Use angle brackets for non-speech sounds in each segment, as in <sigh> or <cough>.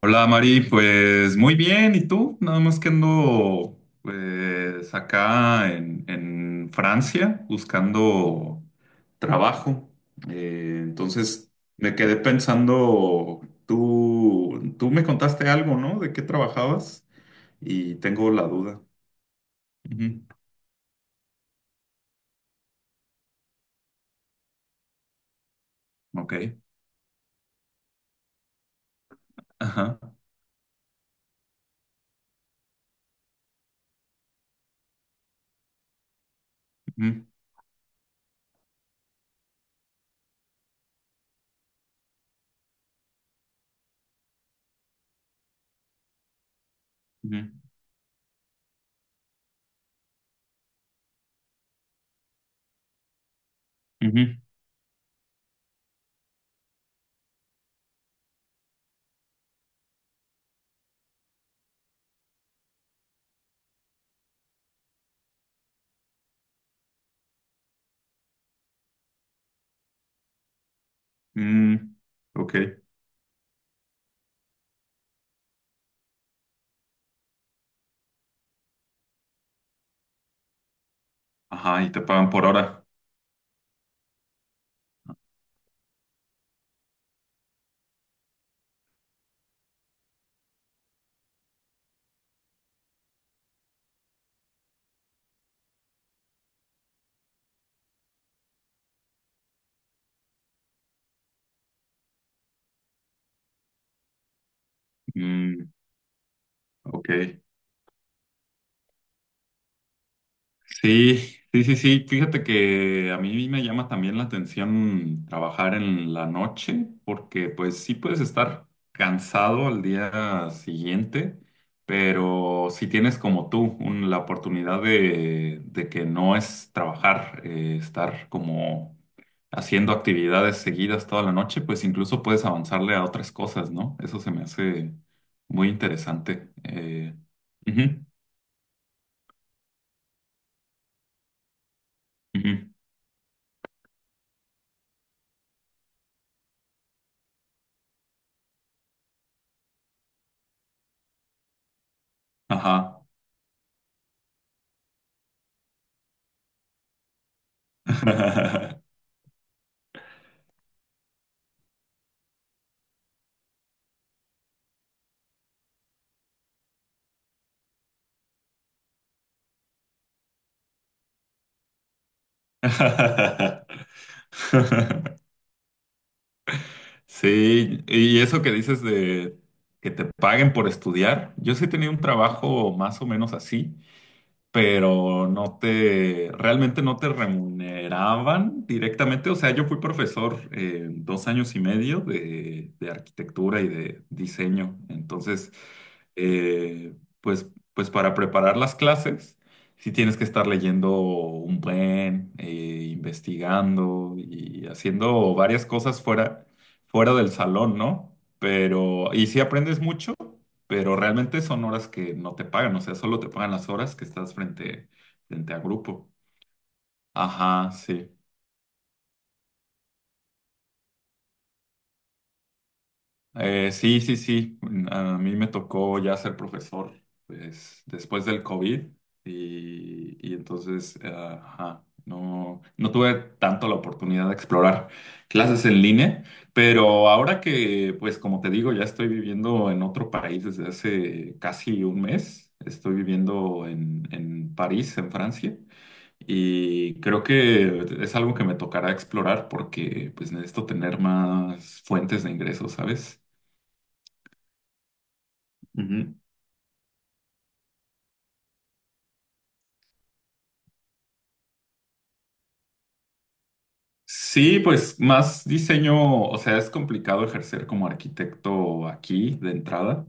Hola Mari, pues muy bien, ¿y tú? Nada más que ando pues acá en Francia buscando trabajo. Entonces me quedé pensando, tú me contaste algo, ¿no? ¿De qué trabajabas? Y tengo la duda. Ujú. Ok. Ajá. Ujú. Ujú. Ujú. mm, ok. Ajá, y te pagan por hora. Mm, ok. Sí, sí, sí, sí. Fíjate que a mí me llama también la atención trabajar en la noche, porque pues sí puedes estar cansado al día siguiente, pero si tienes como tú un- la oportunidad de que no es trabajar, estar como haciendo actividades seguidas toda la noche, pues incluso puedes avanzarle a otras cosas, ¿no? Eso se me hace muy interesante. Ujú. Ujú. Ajá. <laughs> <laughs> Sí, y eso que dices de que te paguen por estudiar, yo sí he tenido un trabajo más o menos así, pero no te, realmente no te remuneraban directamente. O sea, yo fui profesor dos años y medio de arquitectura y de diseño. Entonces, eh, pues, pues para preparar las clases, sí tienes que estar leyendo un buen, investigando y haciendo varias cosas fuera, fuera del salón, ¿no? Pero, y sí aprendes mucho, pero realmente son horas que no te pagan, o sea, solo te pagan las horas que estás frente, frente a grupo. Ajá, sí. Sí, sí, sí. A mí me tocó ya ser profesor, pues, después del COVID y entonces, ajá, no, no tuve tanto la oportunidad de explorar clases en línea, pero ahora que, pues, como te digo, ya estoy viviendo en otro país desde hace casi un mes. Estoy viviendo en París, en Francia. Y creo que es algo que me tocará explorar porque pues necesito tener más fuentes de ingresos, ¿sabes? Ujú. Sí, pues más diseño, o sea, es complicado ejercer como arquitecto aquí de entrada,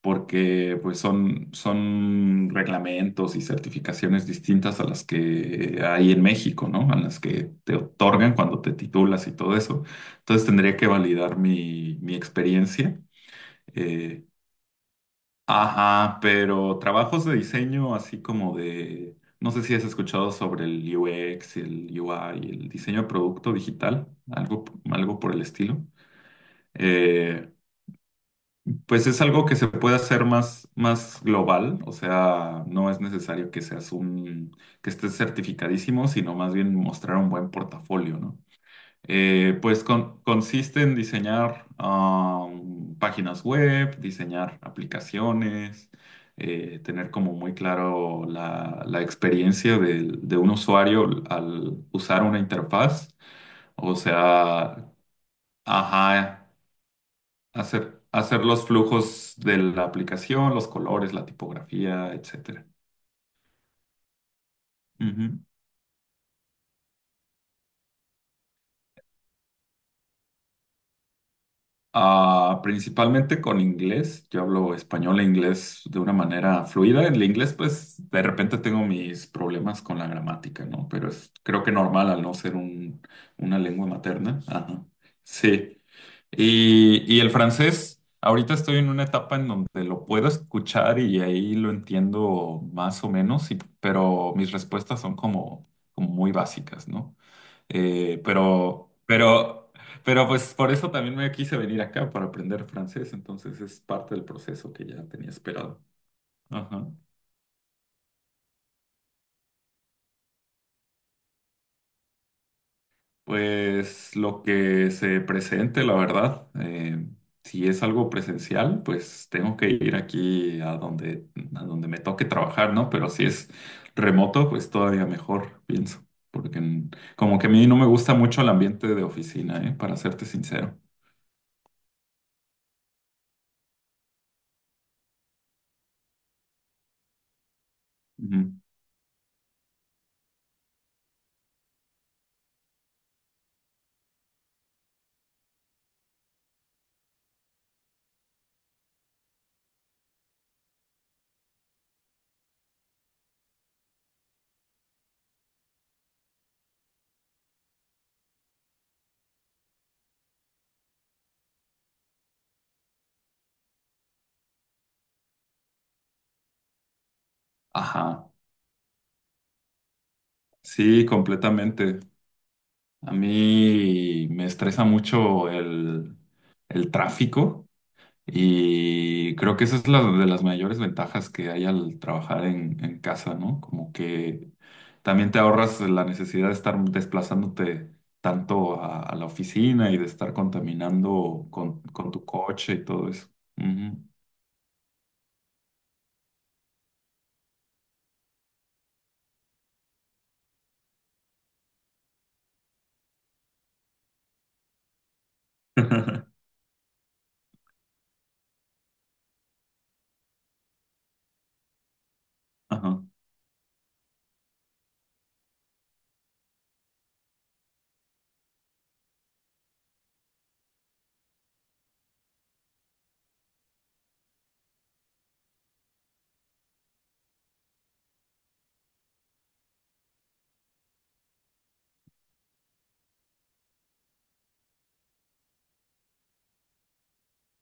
porque pues son, son reglamentos y certificaciones distintas a las que hay en México, ¿no? A las que te otorgan cuando te titulas y todo eso. Entonces tendría que validar mi experiencia. eh, Ajá, pero trabajos de diseño así como de, no sé si has escuchado sobre el UX, el UI, el diseño de producto digital, algo, algo por el estilo. Eh, pues es algo que se puede hacer más, más global, o sea, no es necesario que seas un, que estés certificadísimo, sino más bien mostrar un buen portafolio, ¿no? Pues consiste en diseñar páginas web, diseñar aplicaciones, tener como muy claro la experiencia del- de, un usuario al usar una interfaz, o sea, ajá, hacer, hacer los flujos de la aplicación, los colores, la tipografía, etcétera. Ujú. Ah, principalmente con inglés. Yo hablo español e inglés de una manera fluida. En el inglés, pues, de repente tengo mis problemas con la gramática, ¿no? Pero es creo que normal al no ser un, una lengua materna. Ajá. Sí. Y el francés, ahorita estoy en una etapa en donde lo puedo escuchar y ahí lo entiendo más o menos, y- pero mis respuestas son como, como muy básicas, ¿no? Eh, pero, pero, pero pues por eso también me quise venir acá para aprender francés, entonces es parte del proceso que ya tenía esperado. Ajá. Pues lo que se presente, la verdad, si es algo presencial, pues tengo que ir aquí a donde me toque trabajar, ¿no? Pero si es remoto, pues todavía mejor, pienso, porque como que a mí no me gusta mucho el ambiente de oficina, ¿eh? Para serte sincero. Ujú. Ajá, sí, completamente. A mí me estresa mucho el tráfico y creo que esa es la de las mayores ventajas que hay al trabajar en casa, ¿no? Como que también te ahorras la necesidad de estar desplazándote tanto a la oficina y de estar contaminando con tu coche y todo eso. Ujú. <laughs> Ajá,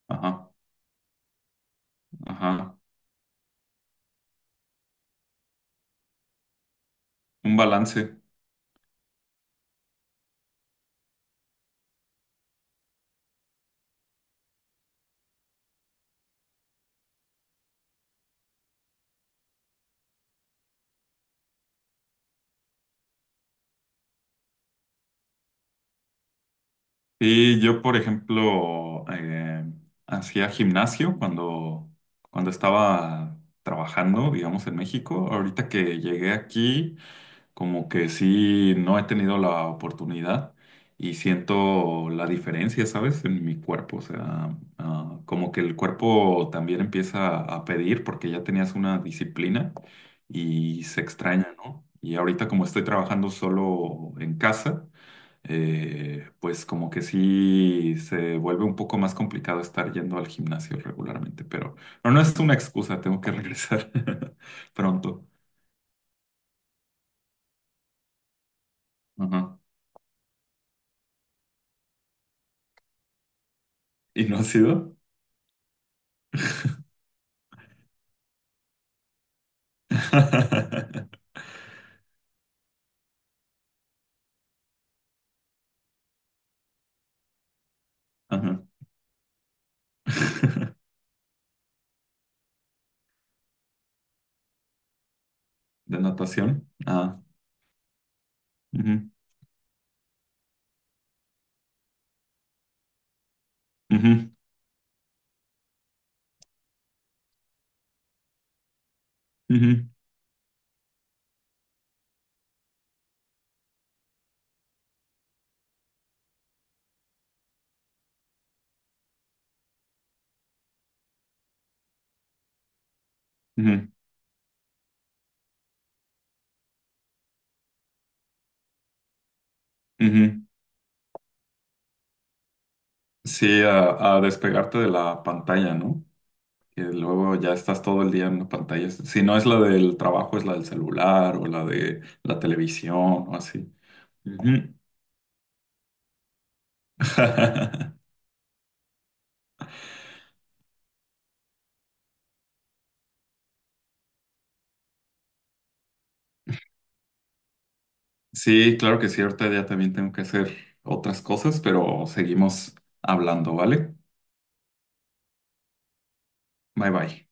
ajá, ajá. Un balance. Sí, yo, por ejemplo, hacía gimnasio cuando, cuando estaba trabajando, digamos, en México. Ahorita que llegué aquí, como que sí, no he tenido la oportunidad y siento la diferencia, ¿sabes? En mi cuerpo. O sea, ah, como que el cuerpo también empieza a pedir porque ya tenías una disciplina y se extraña, ¿no? Y ahorita como estoy trabajando solo en casa, pues como que sí se vuelve un poco más complicado estar yendo al gimnasio regularmente, pero no, no es una excusa, tengo que regresar <laughs> pronto. Ajá. ¿Y no ha sido? <laughs> Ajá. <laughs> ¿De natación? Ah. Ujú. Ujú. Ujú. Ujú. Ujú. Sí, a despegarte de la pantalla, ¿no? Que luego ya estás todo el día en la pantalla. Si no es la del trabajo, es la del celular o la de la televisión o así. Ujú. <laughs> Sí, claro que sí, ahorita ya también tengo que hacer otras cosas, pero seguimos hablando, ¿vale? Bye bye.